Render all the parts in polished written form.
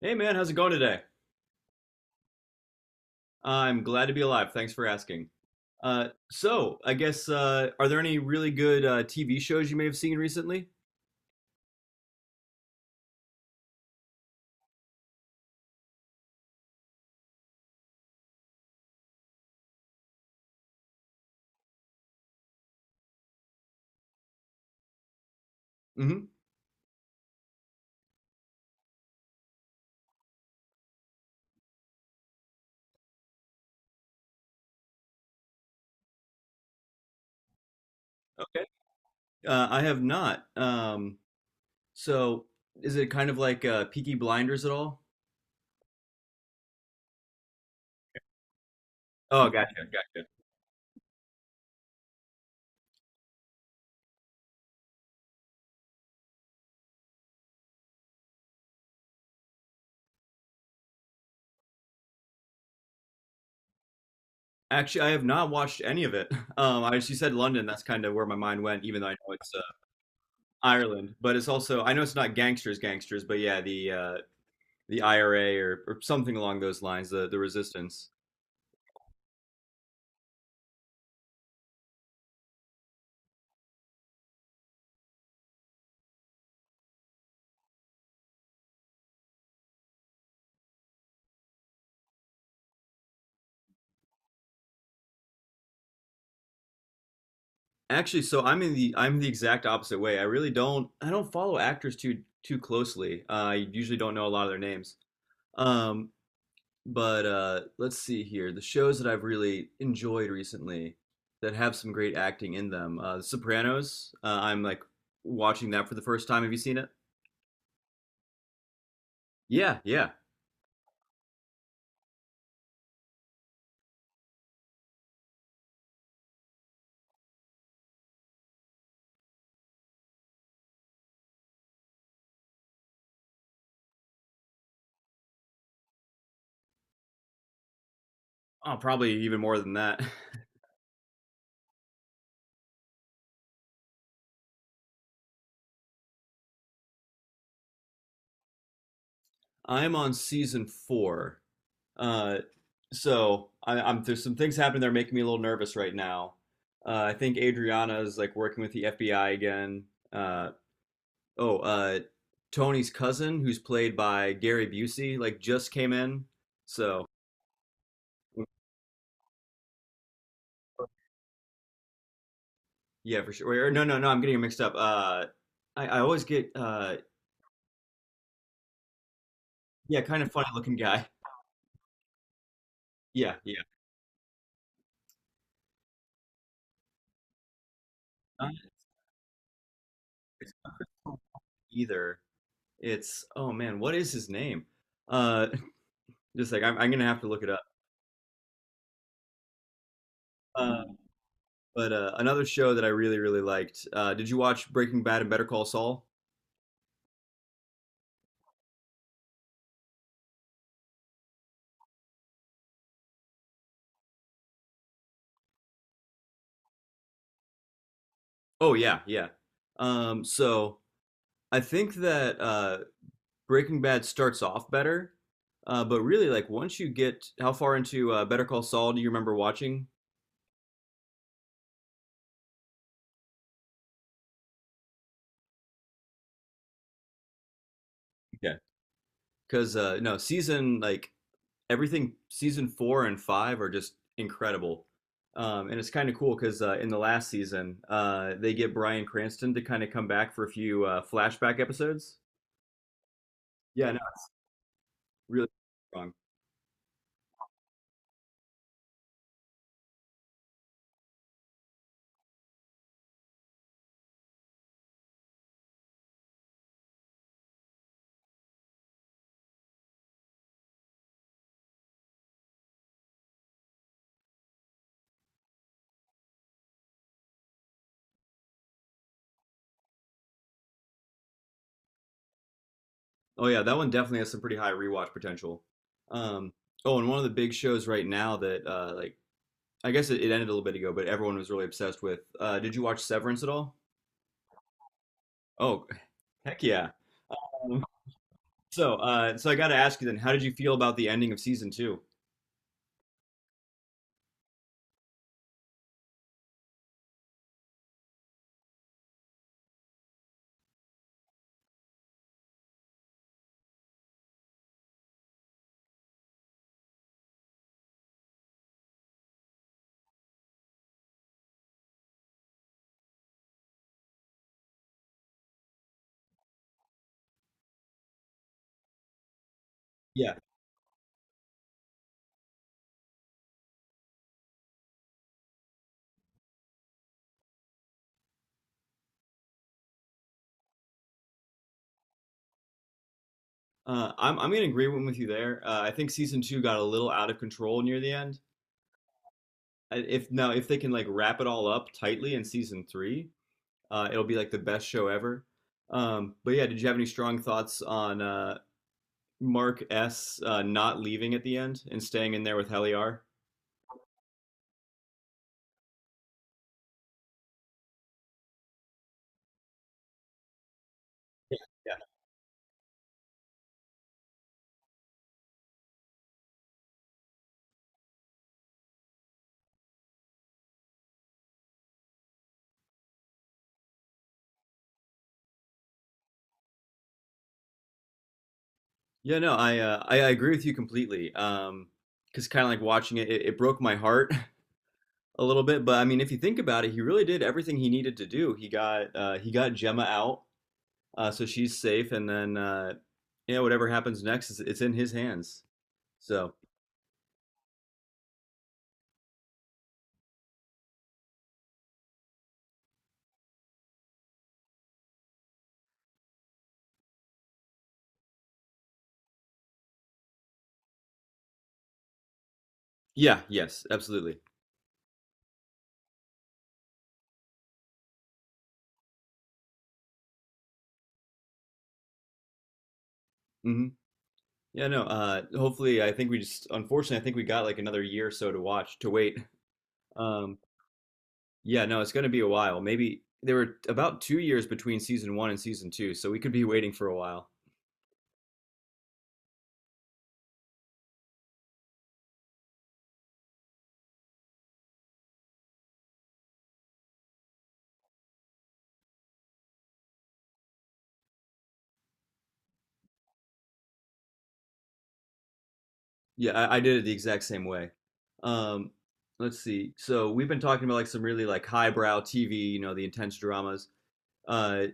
Hey man, how's it going today? I'm glad to be alive. Thanks for asking. So I guess are there any really good TV shows you may have seen recently? hmm Okay. I have not. So is it kind of like Peaky Blinders at all? Oh, gotcha, gotcha. Actually, I have not watched any of it. I just you said London. That's kind of where my mind went, even though I know it's Ireland. But it's also I know it's not gangsters, gangsters, but yeah, the IRA or something along those lines, the resistance. Actually, so I'm the exact opposite way. I don't follow actors too closely. I usually don't know a lot of their names. Um, but Let's see here. The shows that I've really enjoyed recently that have some great acting in them. The Sopranos. I'm like watching that for the first time. Have you seen it? Yeah, yeah. Oh, probably even more than that. I'm on season four. Uh, so I, I'm There's some things happening that are making me a little nervous right now. I think Adriana is like working with the FBI again. Uh, oh, uh, Tony's cousin, who's played by Gary Busey, like just came in. So yeah, for sure. Or, no, no, no, I'm getting it mixed up. I always get yeah, kind of funny looking guy. Yeah, yeah. Uh, it's not either. It's oh man, what is his name? Uh, just like I'm gonna have to look it up. Uh, But Another show that I really, really liked. Did you watch Breaking Bad and Better Call Saul? Oh yeah, yeah. So I think that Breaking Bad starts off better, but really, like once you get how far into Better Call Saul do you remember watching? Yeah. Because No season like everything season four and five are just incredible, and it's kind of cool because in the last season they get Bryan Cranston to kind of come back for a few flashback episodes. Yeah, no, really strong. Oh yeah, that one definitely has some pretty high rewatch potential. Um, oh, and one of the big shows right now that I guess it ended a little bit ago, but everyone was really obsessed with. Did you watch Severance at all? Oh, heck yeah. Um, so I got to ask you then, how did you feel about the ending of season two? Yeah, I'm gonna agree with you there. I think season two got a little out of control near the end. I- If now if they can like wrap it all up tightly in season three, it'll be like the best show ever. But yeah, did you have any strong thoughts on Mark S not leaving at the end and staying in there with Heliar. Yeah. Yeah, no, I agree with you completely. Because kind of like watching it broke my heart a little bit. But I mean, if you think about it, he really did everything he needed to do. He got Gemma out, so she's safe, and then yeah, whatever happens next, is it's in his hands. So yeah, yes, absolutely. hmm Yeah, no. Hopefully, I think we just Unfortunately, I think we got like another year or so to wait. Um, Yeah, no, it's going to be a while. Maybe there were about 2 years between season one and season two, so we could be waiting for a while. Yeah, I did it the exact same way. Um, let's see. So we've been talking about like some really like highbrow TV, you know, the intense dramas. Uh,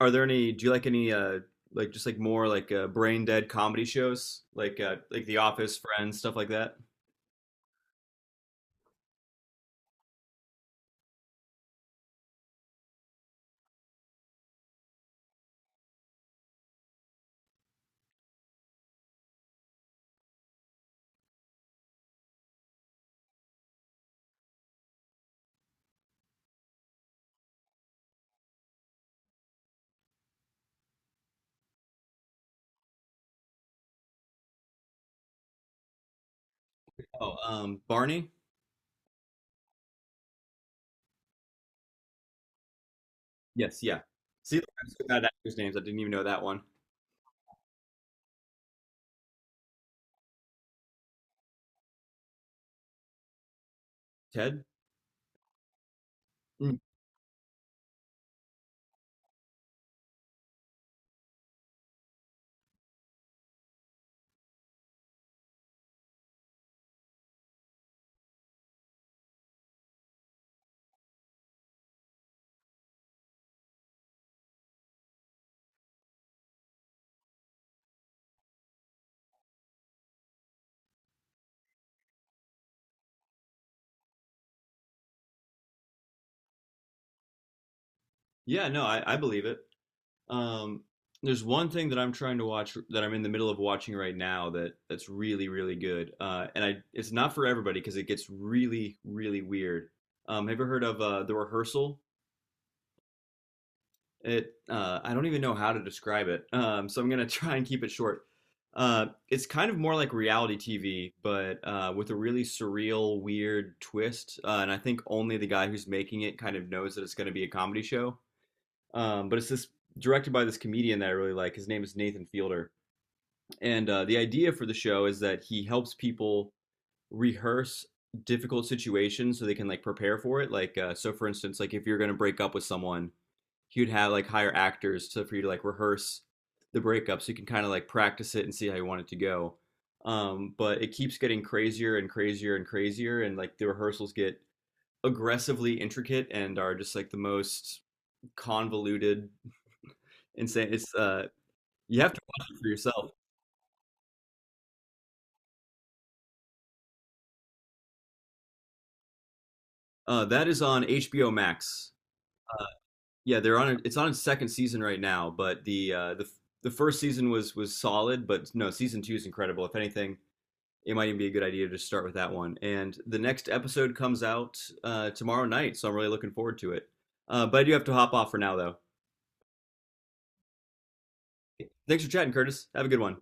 are there any? Do you like any like just like more like brain dead comedy shows like The Office, Friends, stuff like that? Oh, Barney. Yes, yeah. See, look, I'm so bad at actors' names. I didn't even know that one. Ted? Mm. Yeah, no, I believe it. Um, there's one thing that I'm trying to watch that I'm in the middle of watching right now that's really, really good. And I it's not for everybody because it gets really, really weird. Have you ever heard of The Rehearsal? It I don't even know how to describe it. So I'm gonna try and keep it short. It's kind of more like reality TV, but with a really surreal, weird twist. And I think only the guy who's making it kind of knows that it's going to be a comedy show. But it's this directed by this comedian that I really like. His name is Nathan Fielder, and the idea for the show is that he helps people rehearse difficult situations so they can like prepare for it. Like, so for instance, like if you're going to break up with someone, he would have like hire actors to for you to like rehearse the breakup so you can kind of like practice it and see how you want it to go. But it keeps getting crazier and crazier and crazier, and like the rehearsals get aggressively intricate and are just like the most convoluted, insane. It's You have to watch it for yourself. That is on HBO Max. Yeah, they're on. A, it's on its second season right now, but the the first season was solid, but no, season two is incredible. If anything, it might even be a good idea to just start with that one. And the next episode comes out tomorrow night, so I'm really looking forward to it. But I do have to hop off for now, though. Thanks for chatting, Curtis. Have a good one.